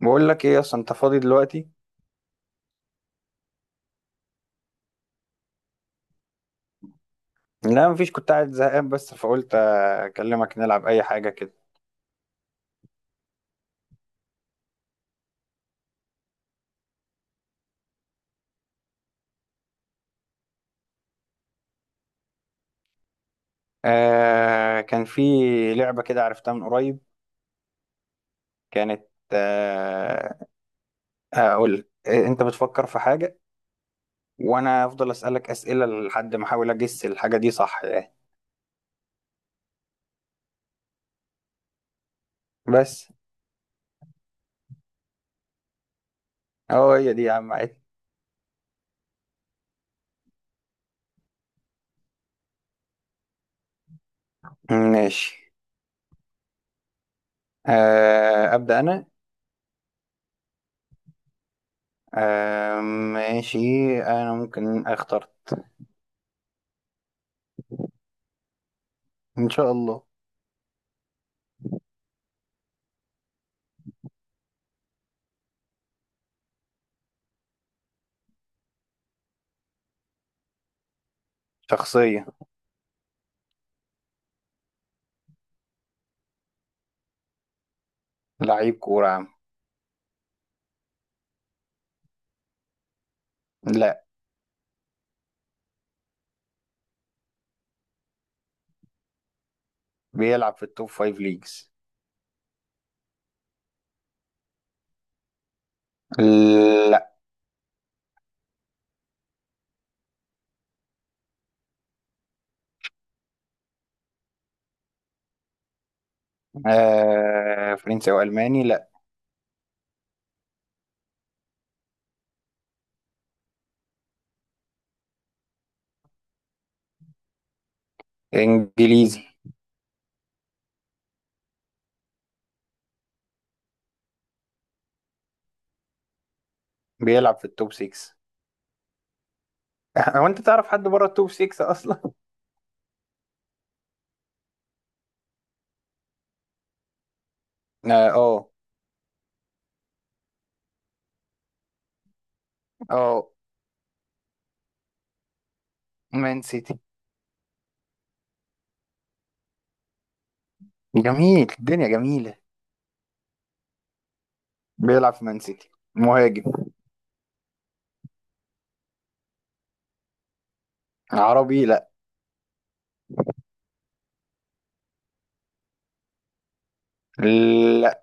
بقول لك ايه اصلا، انت فاضي دلوقتي؟ لا، مفيش. كنت قاعد زهقان بس فقلت اكلمك نلعب اي حاجه كده. آه، كان في لعبه كده عرفتها من قريب. كانت. آه اقول لك انت بتفكر في حاجه وانا افضل اسالك اسئله لحد ما احاول اجس الحاجه دي، صح يعني؟ بس. اه، هي دي يا عم، عادي. ماشي. ابدا انا. ماشي. انا ممكن اختار. ان شاء الله. شخصيه. لعيب كوره يا عم. لا. بيلعب في التوب فايف ليجز. لا. فرنسي او الماني؟ لا. انجليزي. بيلعب في التوب 6. هو انت تعرف حد بره التوب 6 اصلا؟ اه، اه، آه. مان سيتي. جميل، الدنيا جميلة. بيلعب في مان سيتي مهاجم. عربي؟ لا. لا.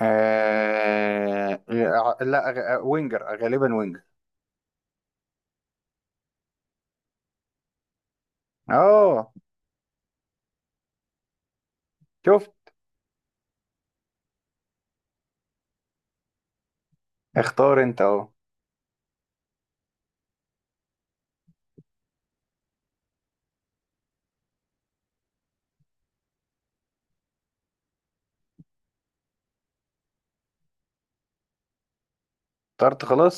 آه... لا. وينجر، غالبا وينجر. اه. شفت؟ اختار انت اهو. اخترت خلاص.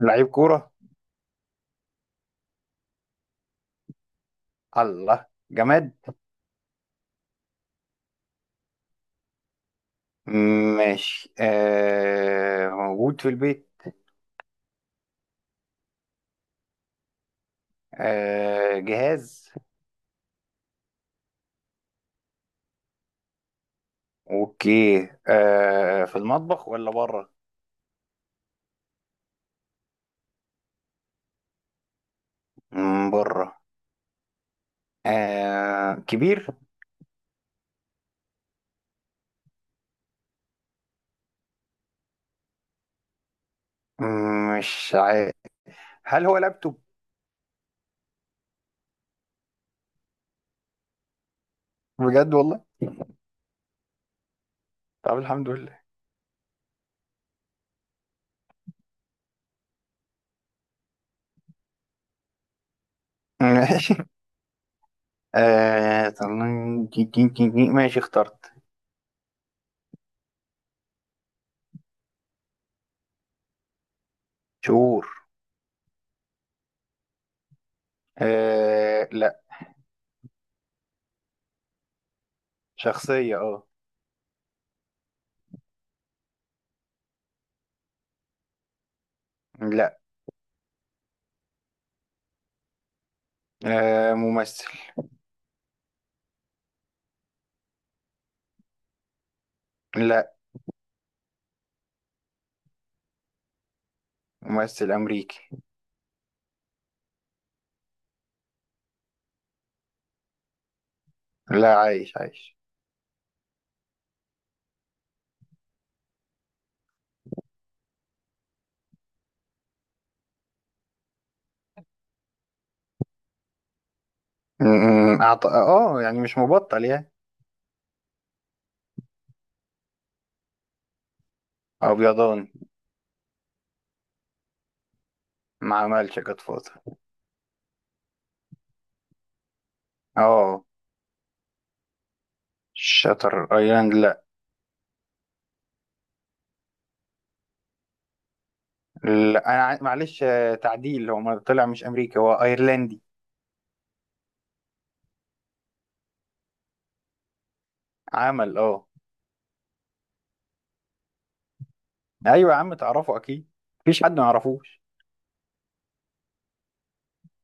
لعيب كورة. الله. جماد. ماشي. موجود في البيت. جهاز. اوكي. في المطبخ ولا بره؟ بره. كبير. مش عارف. هل هو لابتوب؟ بجد والله. طب الحمد لله. ماشي. ماشي، اخترت. شهور. لا. شخصية، اه. لا. ممثل. لا. ممثل أمريكي. لا، عايش عايش. اه يعني مش مبطل يعني. ابيضان. ما عملش جاد فاذر. اه. شاتر ايلاند، لا. لا انا معلش، تعديل، هو ما طلع مش امريكي، هو ايرلندي. عمل، اه. ايوه يا عم، تعرفه اكيد. مفيش حد ما يعرفوش.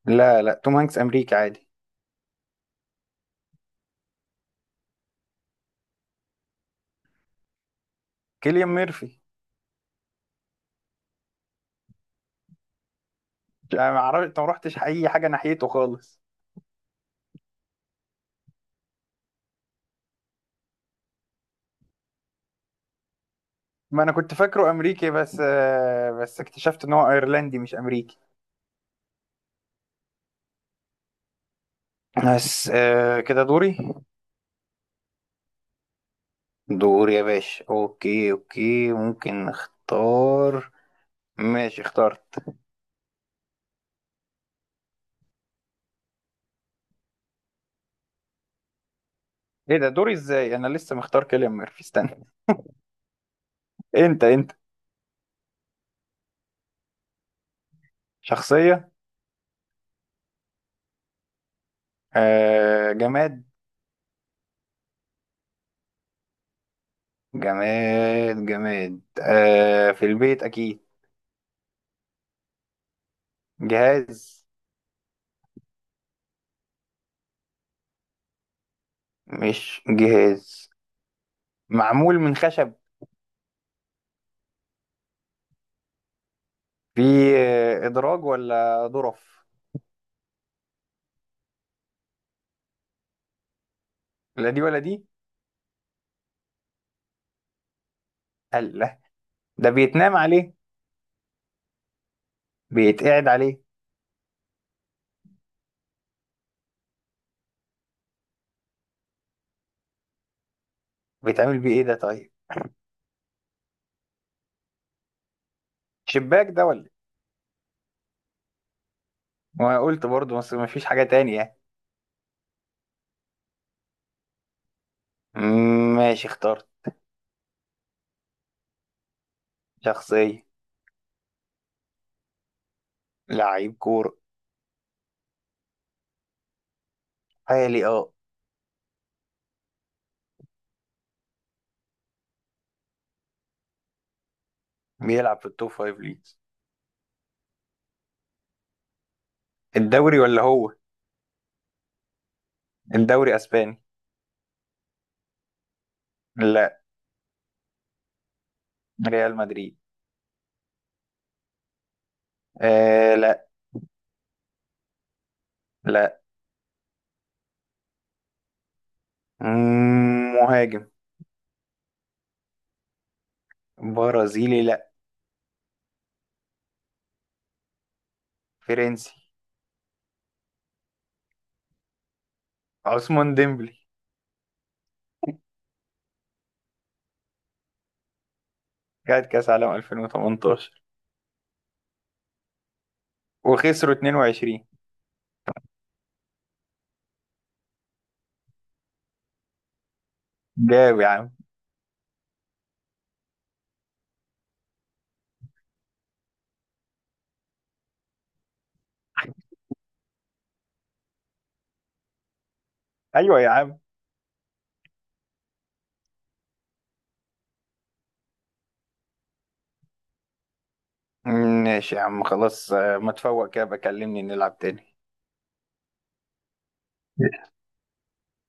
لا لا، توم هانكس امريكي عادي. كيليان ميرفي. انا ما اعرفش، ما رحتش اي حاجه ناحيته خالص. ما انا كنت فاكره امريكي بس. بس اكتشفت ان هو ايرلندي مش امريكي. بس، كده دوري. دور يا باشا. اوكي اوكي ممكن نختار. ماشي، اخترت. ايه ده؟ دوري ازاي؟ انا لسه مختار كيليان ميرفي، استنى. انت. شخصية. جماد. جماد جماد. في البيت اكيد. جهاز. مش جهاز. معمول من خشب. في ادراج ولا ظرف؟ لا دي ولا دي. قال لا. ده بيتنام عليه؟ بيتقعد عليه؟ بيتعمل بيه ايه ده طيب؟ شباك ده ولا...؟ وانا قلت برضه، بس مفيش حاجة تانية يعني. ماشي، اخترت. شخصية. لعيب كورة. حالي، اه. بيلعب في التوب فايف ليجز. الدوري ولا هو؟ الدوري اسباني. لا. ريال مدريد. لا. لا. مهاجم. برازيلي؟ لا. فرنسي. عثمان ديمبلي. خد كاس عالم 2018. وخسروا 2-2. جاب يا عم. ايوه يا عم. ماشي يا عم، خلاص. ما تفوق كده بكلمني نلعب تاني.